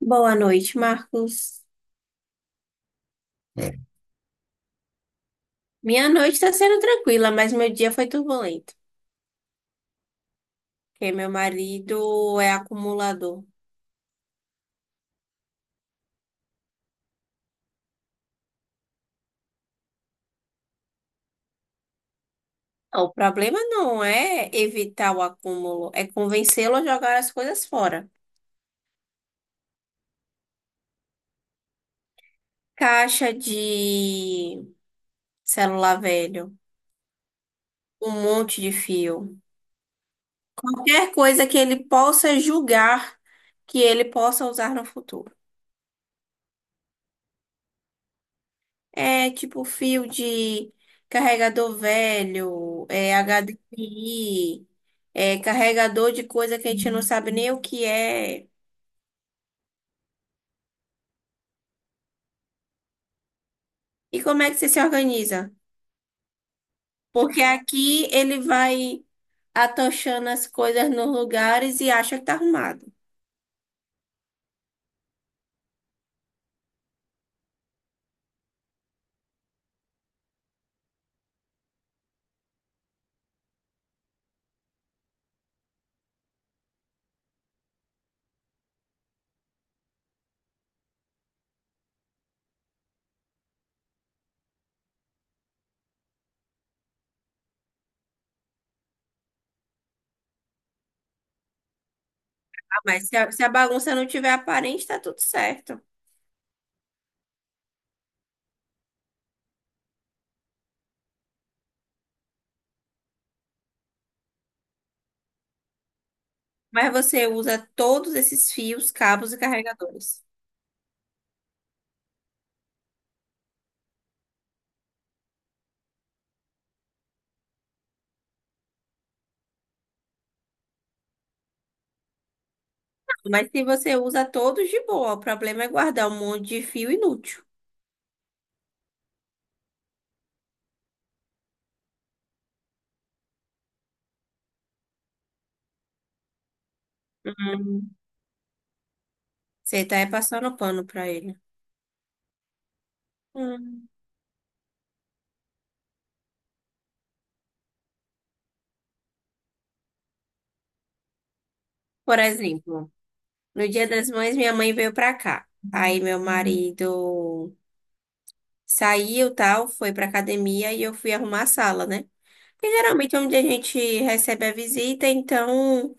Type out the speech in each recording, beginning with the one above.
Boa noite, Marcos. Minha noite está sendo tranquila, mas meu dia foi turbulento, porque meu marido é acumulador. O problema não é evitar o acúmulo, é convencê-lo a jogar as coisas fora. Caixa de celular velho, um monte de fio, qualquer coisa que ele possa julgar que ele possa usar no futuro. É tipo fio de carregador velho, é HDMI, é carregador de coisa que a gente não sabe nem o que é. E como é que você se organiza? Porque aqui ele vai atochando as coisas nos lugares e acha que tá arrumado. Ah, mas se a bagunça não tiver aparente, tá tudo certo. Mas você usa todos esses fios, cabos e carregadores? Mas se você usa todos de boa, o problema é guardar um monte de fio inútil. Uhum. Você tá aí passando pano pra ele. Hum. Por exemplo, no Dia das Mães, minha mãe veio pra cá. Aí meu marido saiu, tal, foi pra academia e eu fui arrumar a sala, né? Porque geralmente é onde a gente recebe a visita, então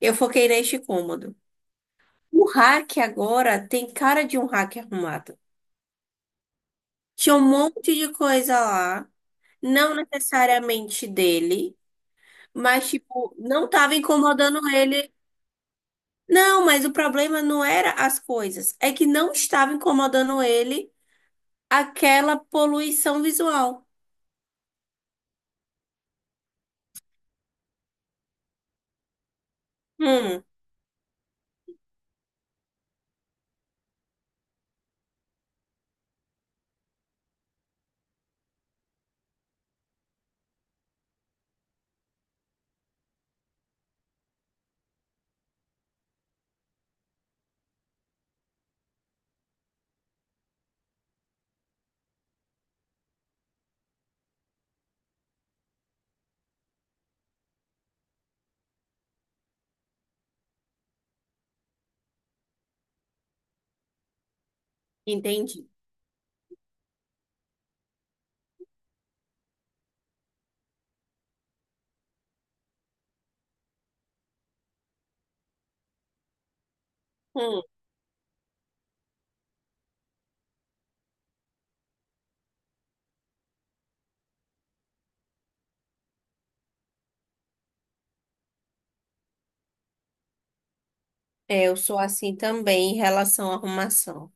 eu foquei neste cômodo. O rack agora tem cara de um rack arrumado. Tinha um monte de coisa lá, não necessariamente dele, mas tipo, não tava incomodando ele. Não, mas o problema não era as coisas, é que não estava incomodando ele aquela poluição visual. Hum, entendi. Hum, é, eu sou assim também em relação à arrumação.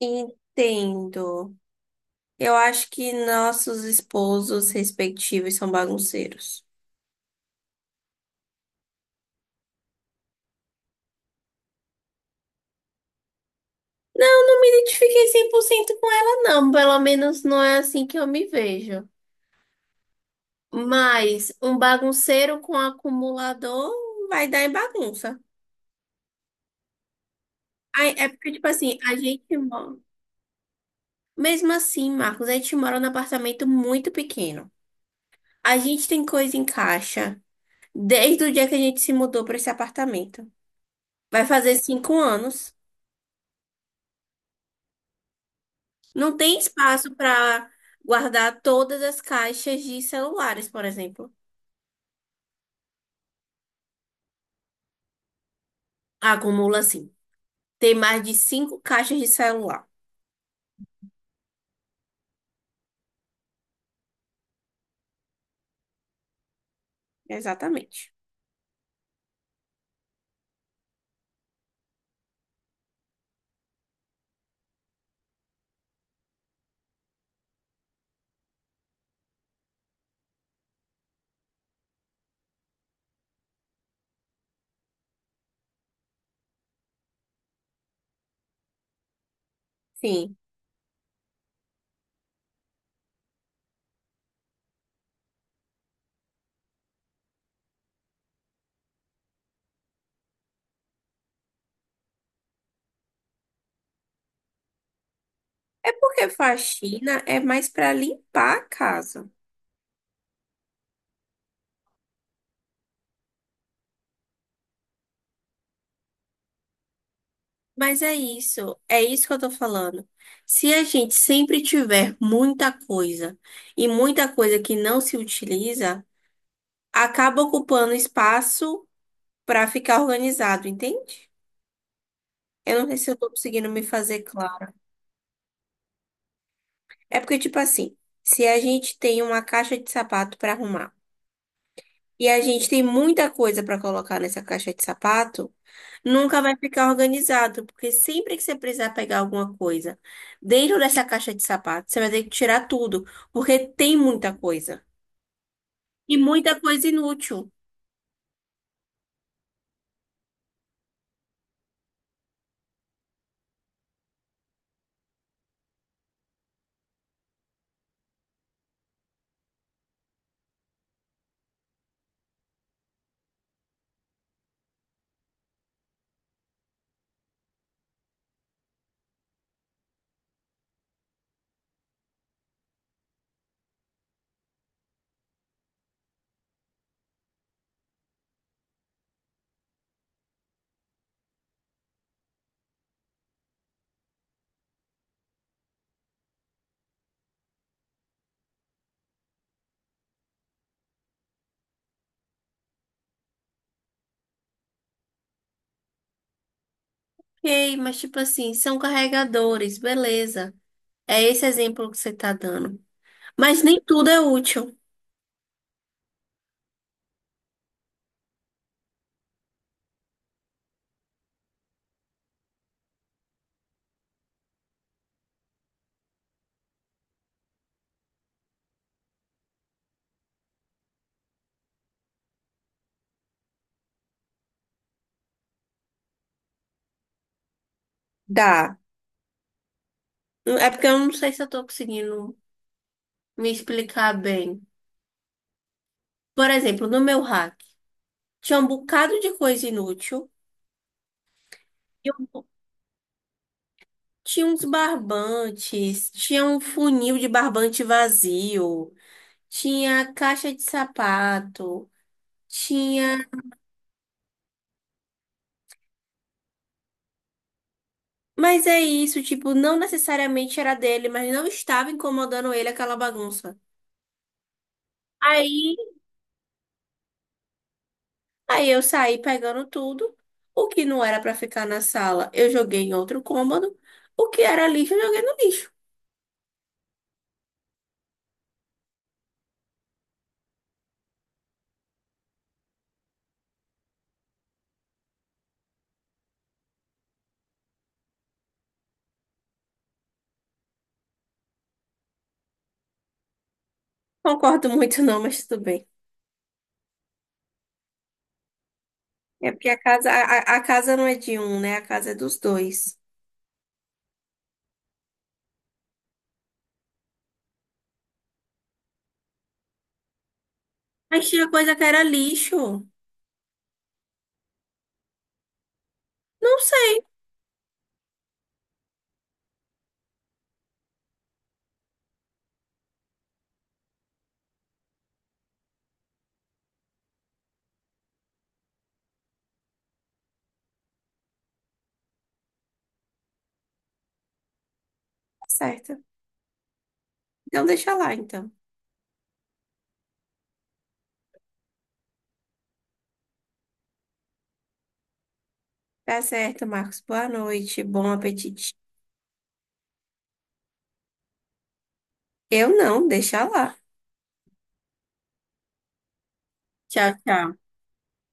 Entendo. Eu acho que nossos esposos respectivos são bagunceiros. Não, não me identifiquei 100% com ela, não. Pelo menos não é assim que eu me vejo. Mas um bagunceiro com acumulador vai dar em bagunça. Ai, é porque, tipo assim, a gente mora. Mesmo assim, Marcos, a gente mora num apartamento muito pequeno. A gente tem coisa em caixa desde o dia que a gente se mudou para esse apartamento. Vai fazer 5 anos. Não tem espaço para guardar todas as caixas de celulares, por exemplo. Acumula sim. Tem mais de 5 caixas de celular. Exatamente. Sim. É porque faxina é mais para limpar a casa. Mas é isso que eu tô falando. Se a gente sempre tiver muita coisa e muita coisa que não se utiliza, acaba ocupando espaço para ficar organizado, entende? Eu não sei se eu tô conseguindo me fazer claro. É porque, tipo assim, se a gente tem uma caixa de sapato para arrumar, e a gente tem muita coisa para colocar nessa caixa de sapato, nunca vai ficar organizado, porque sempre que você precisar pegar alguma coisa dentro dessa caixa de sapato, você vai ter que tirar tudo, porque tem muita coisa. E muita coisa inútil. Ok, mas tipo assim, são carregadores, beleza. É esse exemplo que você tá dando. Mas nem tudo é útil. Dá. É porque eu não sei se eu tô conseguindo me explicar bem. Por exemplo, no meu hack tinha um bocado de coisa inútil. Tinha uns barbantes, tinha um funil de barbante vazio, tinha caixa de sapato, tinha. Mas é isso, tipo, não necessariamente era dele, mas não estava incomodando ele aquela bagunça. Aí, aí eu saí pegando tudo, o que não era pra ficar na sala, eu joguei em outro cômodo, o que era lixo, eu joguei no lixo. Concordo muito não, mas tudo bem. É porque a casa não é de um, né? A casa é dos dois. Mas tinha coisa que era lixo. Não sei, certo. Então deixa lá, então. Tá certo, Marcos. Boa noite, bom apetite. Eu não, deixa lá. Tchau, tchau.